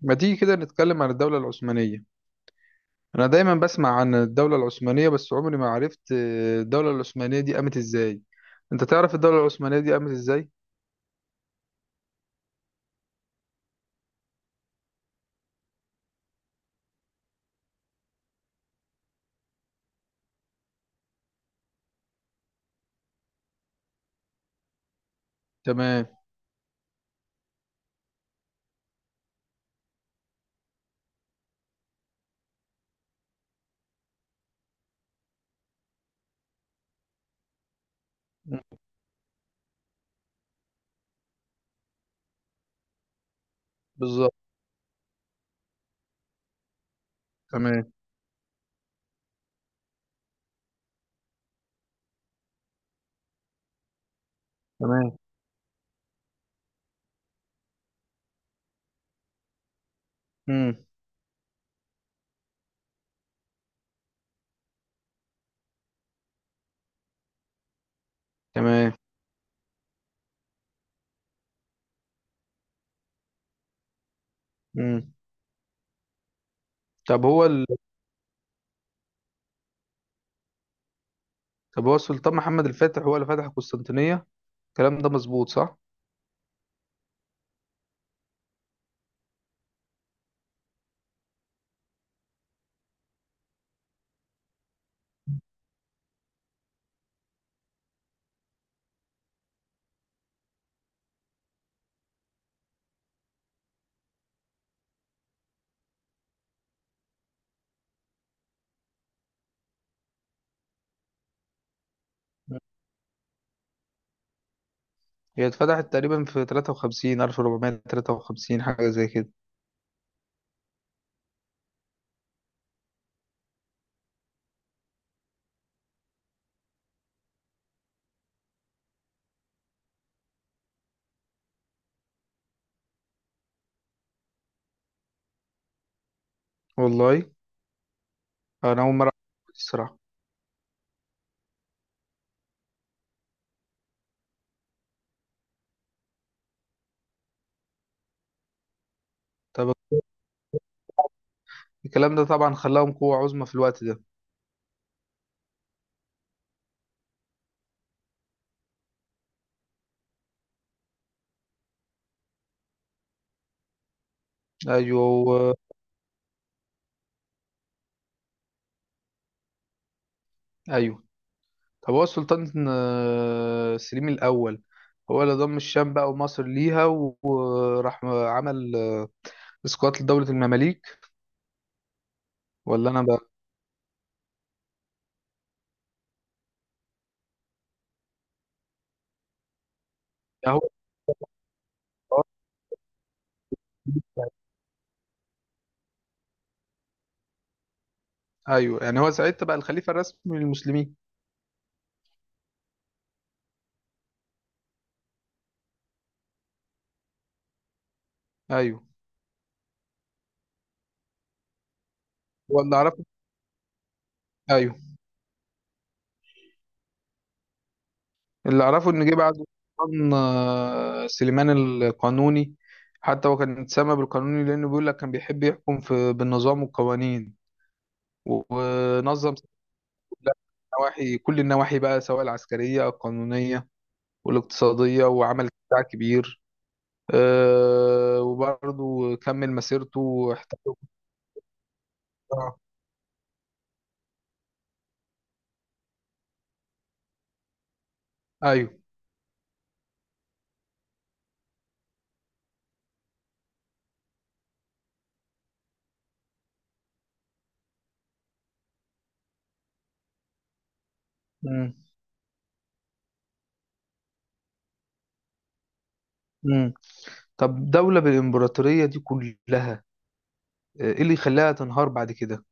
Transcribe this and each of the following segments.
ما تيجي كده نتكلم عن الدولة العثمانية. أنا دايما بسمع عن الدولة العثمانية، بس عمري ما عرفت الدولة العثمانية دي قامت إزاي. أنت تعرف الدولة العثمانية دي قامت إزاي؟ تمام. مم. بالظبط. تمام، تمام. مم. تمام. مم. طب هو ال... طب هو السلطان محمد الفاتح هو اللي فتح القسطنطينية، الكلام ده مظبوط صح؟ مم. هي اتفتحت تقريبا في 53 1453 حاجة زي كده. والله، أنا أول مرة أعرف الصراحة. طب الكلام ده طبعا خلاهم قوة عظمى في الوقت ده. أيوه، ايوه. طب هو السلطان سليم الاول هو اللي ضم الشام بقى ومصر ليها وراح عمل اسقاط لدولة المماليك. ولا انا بقى. هو. ايوه، يعني هو ساعتها بقى الخليفة الرسمي للمسلمين. ايوه. هو اللي اعرفه. ايوه. اللي اعرفه ان جه بعد السلطان سليمان القانوني. حتى هو كان اتسمى بالقانوني لانه بيقول لك كان بيحب يحكم في بالنظام والقوانين. ونظم نواحي كل النواحي بقى، سواء العسكرية القانونية والاقتصادية، وعمل بتاع كبير. وبرضه كمل مسيرته. آه، ايوه. مم. مم. طب دولة بالإمبراطورية دي كلها، ايه اللي يخليها تنهار بعد كده؟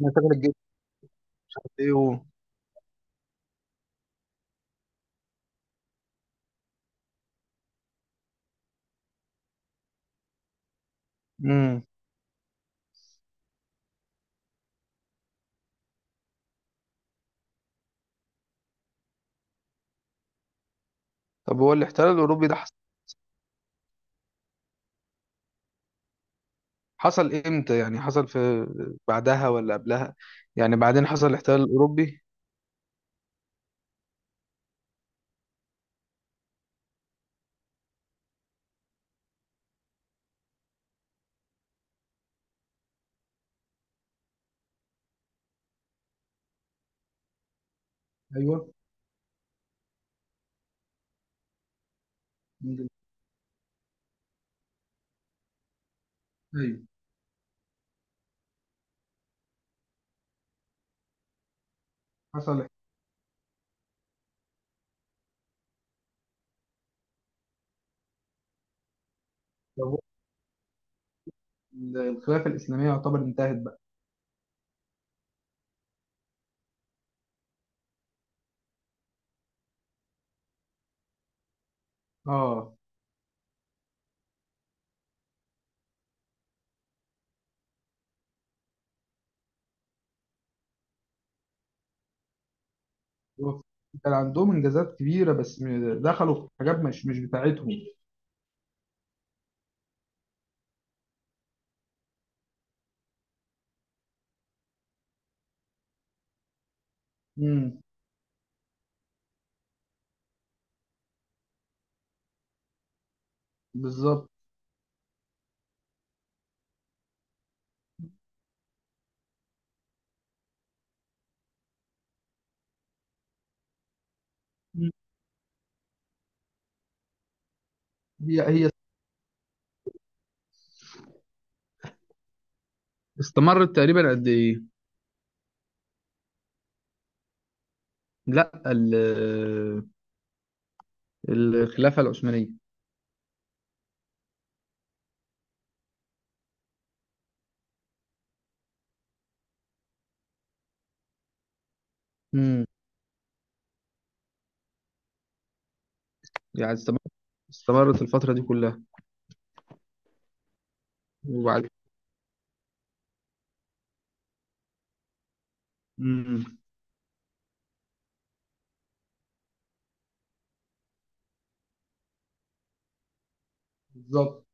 ما تعمل الجيش، عارف ايه مم. طب هو الاحتلال الأوروبي ده حصل امتى، يعني حصل في بعدها ولا قبلها، يعني بعدين حصل الاحتلال الأوروبي؟ ايوه. ايوه. حصل احتلال- الخلافة الإسلامية يعتبر انتهت بقى. اه. كان عندهم انجازات كبيره، بس دخلوا في حاجات مش بتاعتهم. امم. بالظبط. مم. هي استمرت تقريبا قد ايه؟ لا الخلافه العثمانيه. امم. يعني استمرت الفتره دي كلها. وبعد. امم. بالظبط.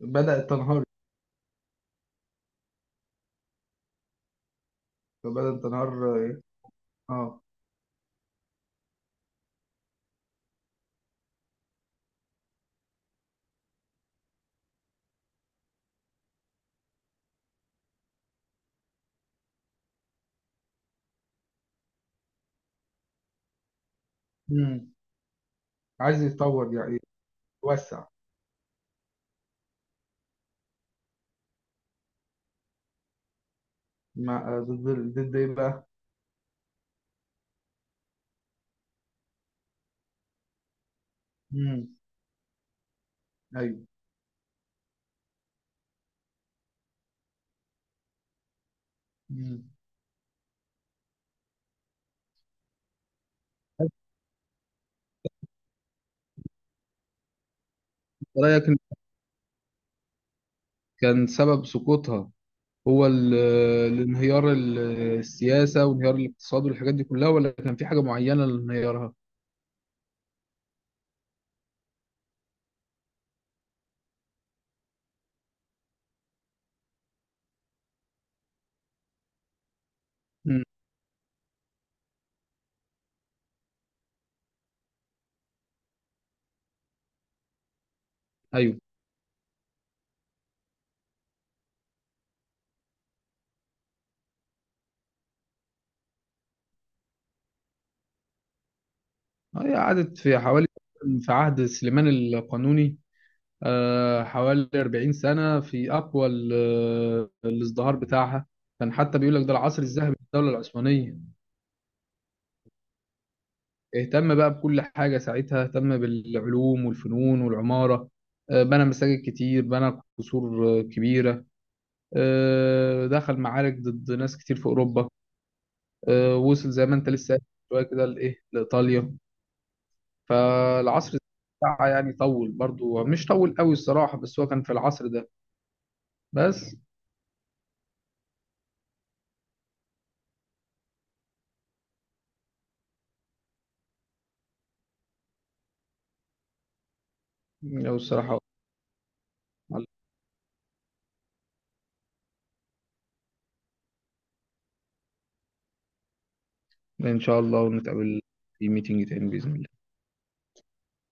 بدات تنهار. بدات تنهار. اه. امم. عايز يتطور يعني يتوسع. مع ضد ايه بقى؟ امم. ايوه. امم. رايك إن كان سبب سقوطها هو الانهيار السياسة وانهيار الاقتصاد والحاجات دي كلها، ولا كان في حاجة معينة لانهيارها؟ مم. أيوه. هي قعدت في حوالي، في عهد سليمان القانوني حوالي 40 سنة في أقوى الازدهار بتاعها. كان حتى بيقول لك ده العصر الذهبي للدولة العثمانية. اهتم بقى بكل حاجة ساعتها، اهتم بالعلوم والفنون والعمارة. بنى مساجد كتير، بنى قصور كبيرة. دخل معارك ضد ناس كتير في أوروبا. وصل زي ما انت لسه قايل شويه كده لايطاليا. فالعصر بتاعها يعني طول برضو، مش طول قوي الصراحه، بس هو كان في العصر ده بس. لو الصراحه، ان شاء الله ونتقابل في ميتنج تاني باذن الله.